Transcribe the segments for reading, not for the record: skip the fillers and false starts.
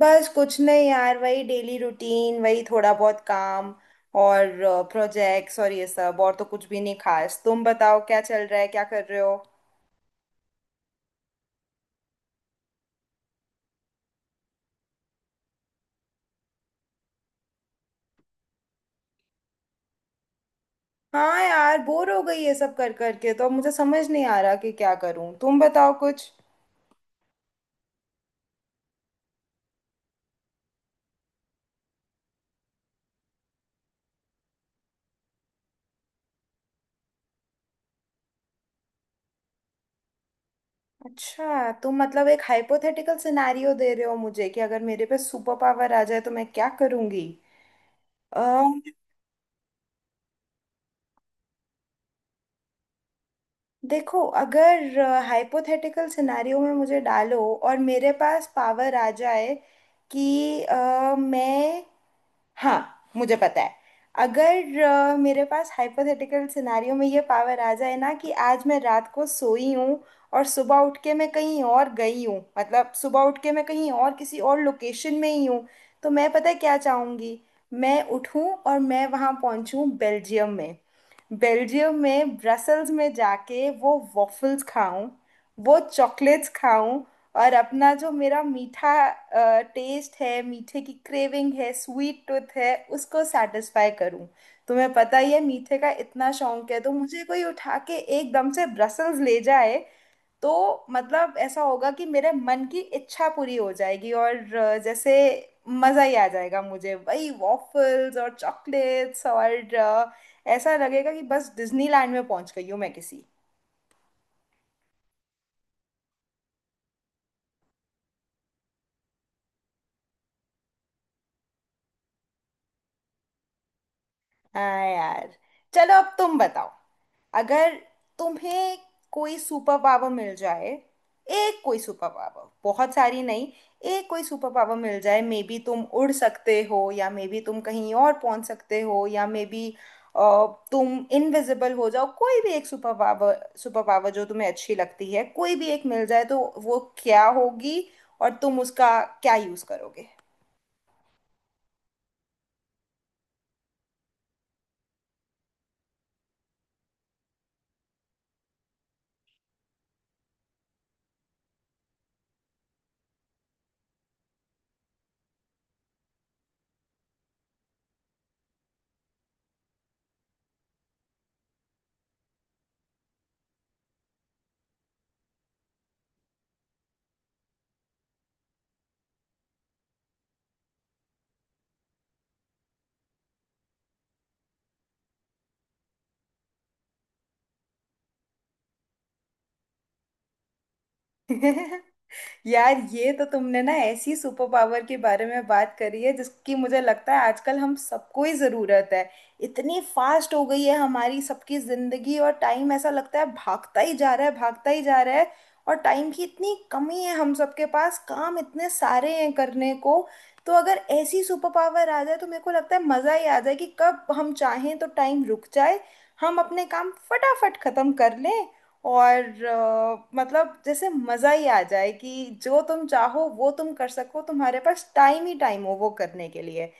बस कुछ नहीं यार, वही डेली रूटीन, वही थोड़ा बहुत काम और प्रोजेक्ट्स और ये सब। और तो कुछ भी नहीं खास। तुम बताओ, क्या चल रहा है, क्या कर रहे हो। हाँ यार, बोर हो गई ये सब कर कर के। तो अब मुझे समझ नहीं आ रहा कि क्या करूं। तुम बताओ कुछ। अच्छा, तुम मतलब एक हाइपोथेटिकल सिनेरियो दे रहे हो मुझे कि अगर मेरे पे सुपर पावर आ जाए तो मैं क्या करूंगी। देखो, अगर हाइपोथेटिकल सिनेरियो में मुझे डालो और मेरे पास पावर आ जाए कि मैं, हाँ मुझे पता है। अगर मेरे पास हाइपोथेटिकल सिनारियो में ये पावर आ जाए ना कि आज मैं रात को सोई हूँ और सुबह उठ के मैं कहीं और गई हूँ, मतलब सुबह उठ के मैं कहीं और किसी और लोकेशन में ही हूँ। तो मैं, पता है क्या चाहूँगी? मैं उठूँ और मैं वहाँ पहुँचूँ, बेल्जियम में। बेल्जियम में ब्रसल्स में जाके वो वॉफल्स खाऊं, वो चॉकलेट्स खाऊं और अपना जो मेरा मीठा टेस्ट है, मीठे की क्रेविंग है, स्वीट टूथ है, उसको सेटिस्फाई करूं। तुम्हें पता ही है मीठे का इतना शौक है, तो मुझे कोई उठा के एकदम से ब्रसल्स ले जाए। तो मतलब ऐसा होगा कि मेरे मन की इच्छा पूरी हो जाएगी और जैसे मज़ा ही आ जाएगा मुझे, वही वॉफल्स और चॉकलेट्स और ऐसा लगेगा कि बस डिज्नीलैंड में पहुंच गई हूँ मैं किसी। हाँ यार, चलो अब तुम बताओ, अगर तुम्हें कोई सुपर पावर मिल जाए, एक कोई सुपर पावर, बहुत सारी नहीं, एक कोई सुपर पावर मिल जाए, मे बी तुम उड़ सकते हो, या मे बी तुम कहीं और पहुंच सकते हो, या मे बी तुम इनविजिबल हो जाओ, कोई भी एक सुपर पावर, सुपर पावर जो तुम्हें अच्छी लगती है, कोई भी एक मिल जाए, तो वो क्या होगी और तुम उसका क्या यूज करोगे? यार, ये तो तुमने ना ऐसी सुपर पावर के बारे में बात करी है जिसकी मुझे लगता है आजकल हम सबको ही ज़रूरत है। इतनी फास्ट हो गई है हमारी सबकी ज़िंदगी और टाइम ऐसा लगता है भागता ही जा रहा है, भागता ही जा रहा है। और टाइम की इतनी कमी है, हम सबके पास काम इतने सारे हैं करने को। तो अगर ऐसी सुपर पावर आ जाए तो मेरे को लगता है मज़ा ही आ जाए कि कब हम चाहें तो टाइम रुक जाए, हम अपने काम फटाफट ख़त्म कर लें। और मतलब जैसे मज़ा ही आ जाए कि जो तुम चाहो वो तुम कर सको, तुम्हारे पास टाइम ही टाइम हो वो करने के लिए।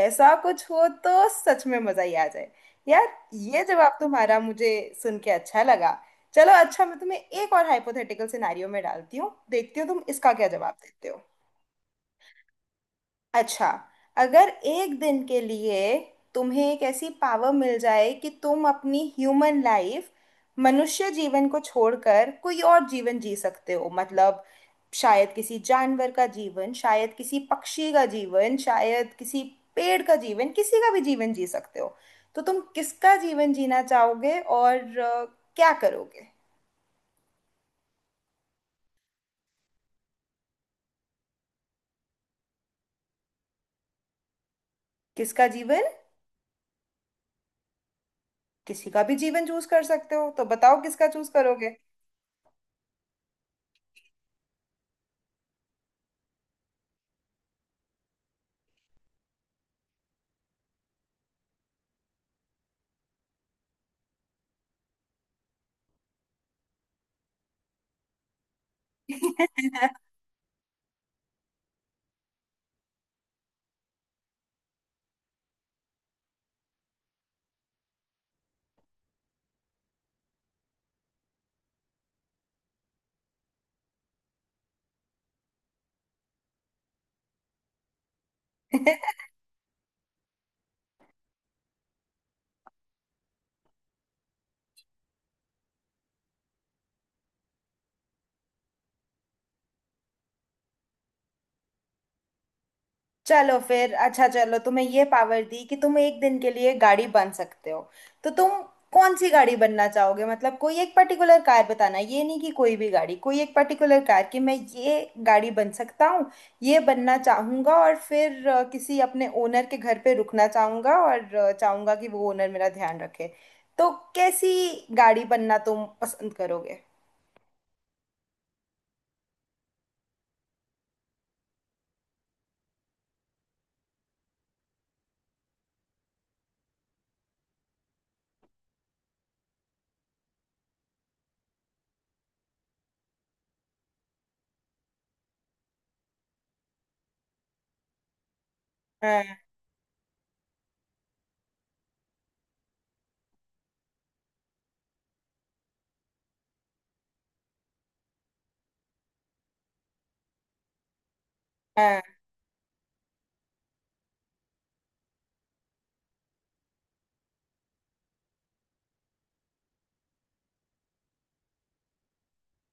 ऐसा कुछ हो तो सच में मज़ा ही आ जाए यार। ये जवाब तुम्हारा मुझे सुन के अच्छा लगा। चलो अच्छा, मैं तुम्हें एक और हाइपोथेटिकल सिनेरियो में डालती हूँ, देखती हूँ तुम इसका क्या जवाब देते हो। अच्छा, अगर एक दिन के लिए तुम्हें एक ऐसी पावर मिल जाए कि तुम अपनी ह्यूमन लाइफ, मनुष्य जीवन को छोड़कर कोई और जीवन जी सकते हो, मतलब शायद किसी जानवर का जीवन, शायद किसी पक्षी का जीवन, शायद किसी पेड़ का जीवन, किसी का भी जीवन जी सकते हो, तो तुम किसका जीवन जीना चाहोगे और क्या करोगे? किसका जीवन? किसी का भी जीवन चूज कर सकते हो, तो बताओ किसका चूज करोगे। चलो फिर, अच्छा चलो, तुम्हें ये पावर दी कि तुम एक दिन के लिए गाड़ी बन सकते हो, तो तुम कौन सी गाड़ी बनना चाहोगे? मतलब कोई एक पर्टिकुलर कार बताना, ये नहीं कि कोई भी गाड़ी, कोई एक पर्टिकुलर कार कि मैं ये गाड़ी बन सकता हूँ, ये बनना चाहूँगा, और फिर किसी अपने ओनर के घर पे रुकना चाहूँगा और चाहूँगा कि वो ओनर मेरा ध्यान रखे। तो कैसी गाड़ी बनना तुम पसंद करोगे? हाँ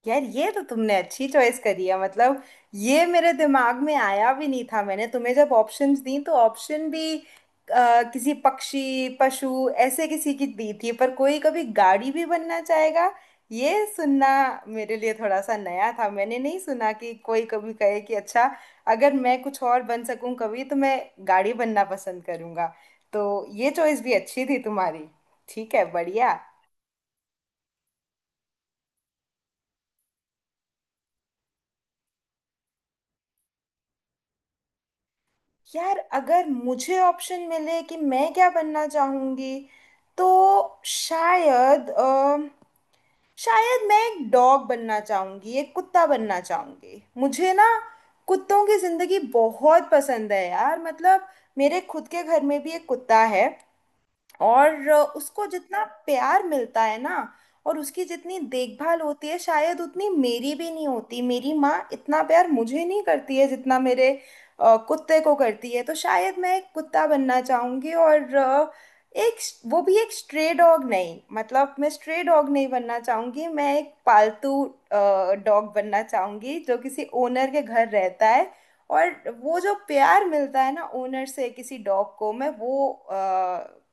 यार, ये तो तुमने अच्छी चॉइस करी है। मतलब ये मेरे दिमाग में आया भी नहीं था। मैंने तुम्हें जब ऑप्शंस दी, तो ऑप्शन भी किसी पक्षी पशु, ऐसे किसी की दी थी, पर कोई कभी गाड़ी भी बनना चाहेगा, ये सुनना मेरे लिए थोड़ा सा नया था। मैंने नहीं सुना कि कोई कभी कहे कि अच्छा, अगर मैं कुछ और बन सकूं कभी, तो मैं गाड़ी बनना पसंद करूंगा। तो ये चॉइस भी अच्छी थी तुम्हारी। ठीक है, बढ़िया। यार, अगर मुझे ऑप्शन मिले कि मैं क्या बनना चाहूंगी, तो शायद अ, शायद मैं एक डॉग बनना चाहूंगी, एक कुत्ता बनना चाहूंगी। मुझे ना कुत्तों की जिंदगी बहुत पसंद है यार। मतलब मेरे खुद के घर में भी एक कुत्ता है और उसको जितना प्यार मिलता है ना, और उसकी जितनी देखभाल होती है, शायद उतनी मेरी भी नहीं होती। मेरी माँ इतना प्यार मुझे नहीं करती है जितना मेरे कुत्ते को करती है। तो शायद मैं एक कुत्ता बनना चाहूंगी और एक, वो भी एक स्ट्रे डॉग नहीं, मतलब मैं स्ट्रे डॉग नहीं बनना चाहूंगी, मैं एक पालतू डॉग बनना चाहूंगी जो किसी ओनर के घर रहता है। और वो जो प्यार मिलता है ना ओनर से किसी डॉग को, मैं वो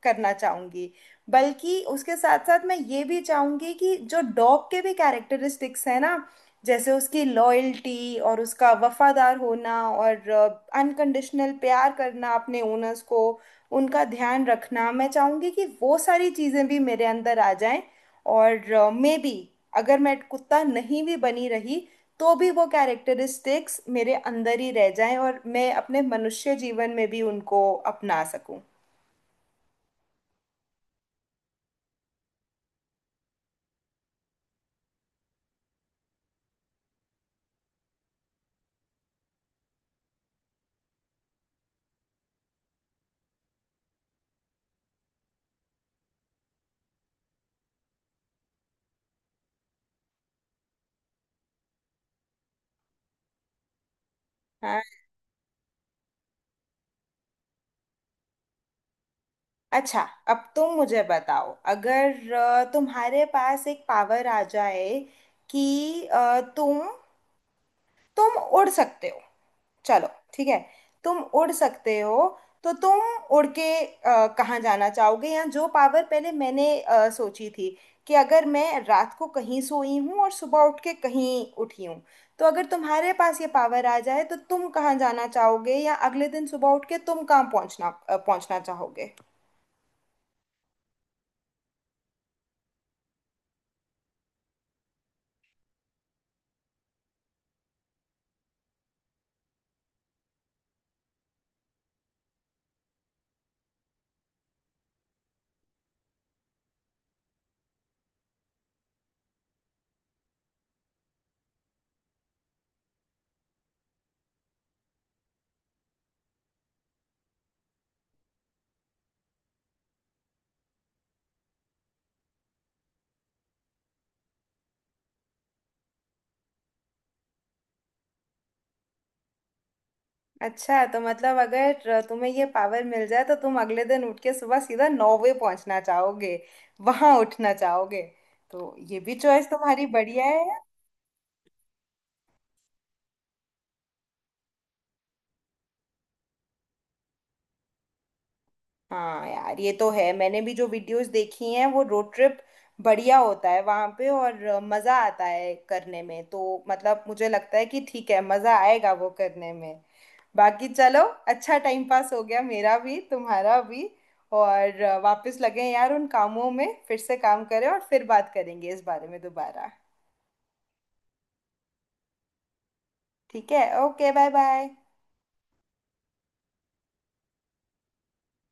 करना चाहूंगी। बल्कि उसके साथ साथ मैं ये भी चाहूंगी कि जो डॉग के भी कैरेक्टरिस्टिक्स हैं ना, जैसे उसकी लॉयल्टी और उसका वफादार होना और अनकंडीशनल प्यार करना अपने ओनर्स को, उनका ध्यान रखना, मैं चाहूंगी कि वो सारी चीज़ें भी मेरे अंदर आ जाएं। और मे बी अगर मैं कुत्ता नहीं भी बनी रही, तो भी वो कैरेक्टरिस्टिक्स मेरे अंदर ही रह जाएं और मैं अपने मनुष्य जीवन में भी उनको अपना सकूं। हाँ, अच्छा, अब तुम मुझे बताओ। अगर तुम्हारे पास एक पावर आ जाए कि तुम उड़ सकते हो, चलो ठीक है, तुम उड़ सकते हो, तो तुम उड़ के कहाँ जाना चाहोगे? या जो पावर पहले मैंने सोची थी कि अगर मैं रात को कहीं सोई हूँ और सुबह उठ के कहीं उठी हूँ, तो अगर तुम्हारे पास ये पावर आ जाए तो तुम कहाँ जाना चाहोगे, या अगले दिन सुबह उठ के तुम कहाँ पहुँचना चाहोगे? अच्छा, तो मतलब अगर तुम्हें ये पावर मिल जाए तो तुम अगले दिन उठ के सुबह सीधा नौवे पहुंचना चाहोगे, वहां उठना चाहोगे। तो ये भी चॉइस तुम्हारी बढ़िया है। हाँ यार, ये तो है, मैंने भी जो वीडियोस देखी हैं, वो रोड ट्रिप बढ़िया होता है वहाँ पे और मज़ा आता है करने में। तो मतलब मुझे लगता है कि ठीक है, मज़ा आएगा वो करने में। बाकी चलो, अच्छा टाइम पास हो गया मेरा भी तुम्हारा भी। और वापस लगे यार उन कामों में, फिर से काम करें और फिर बात करेंगे इस बारे में दोबारा। ठीक है, ओके, बाय बाय।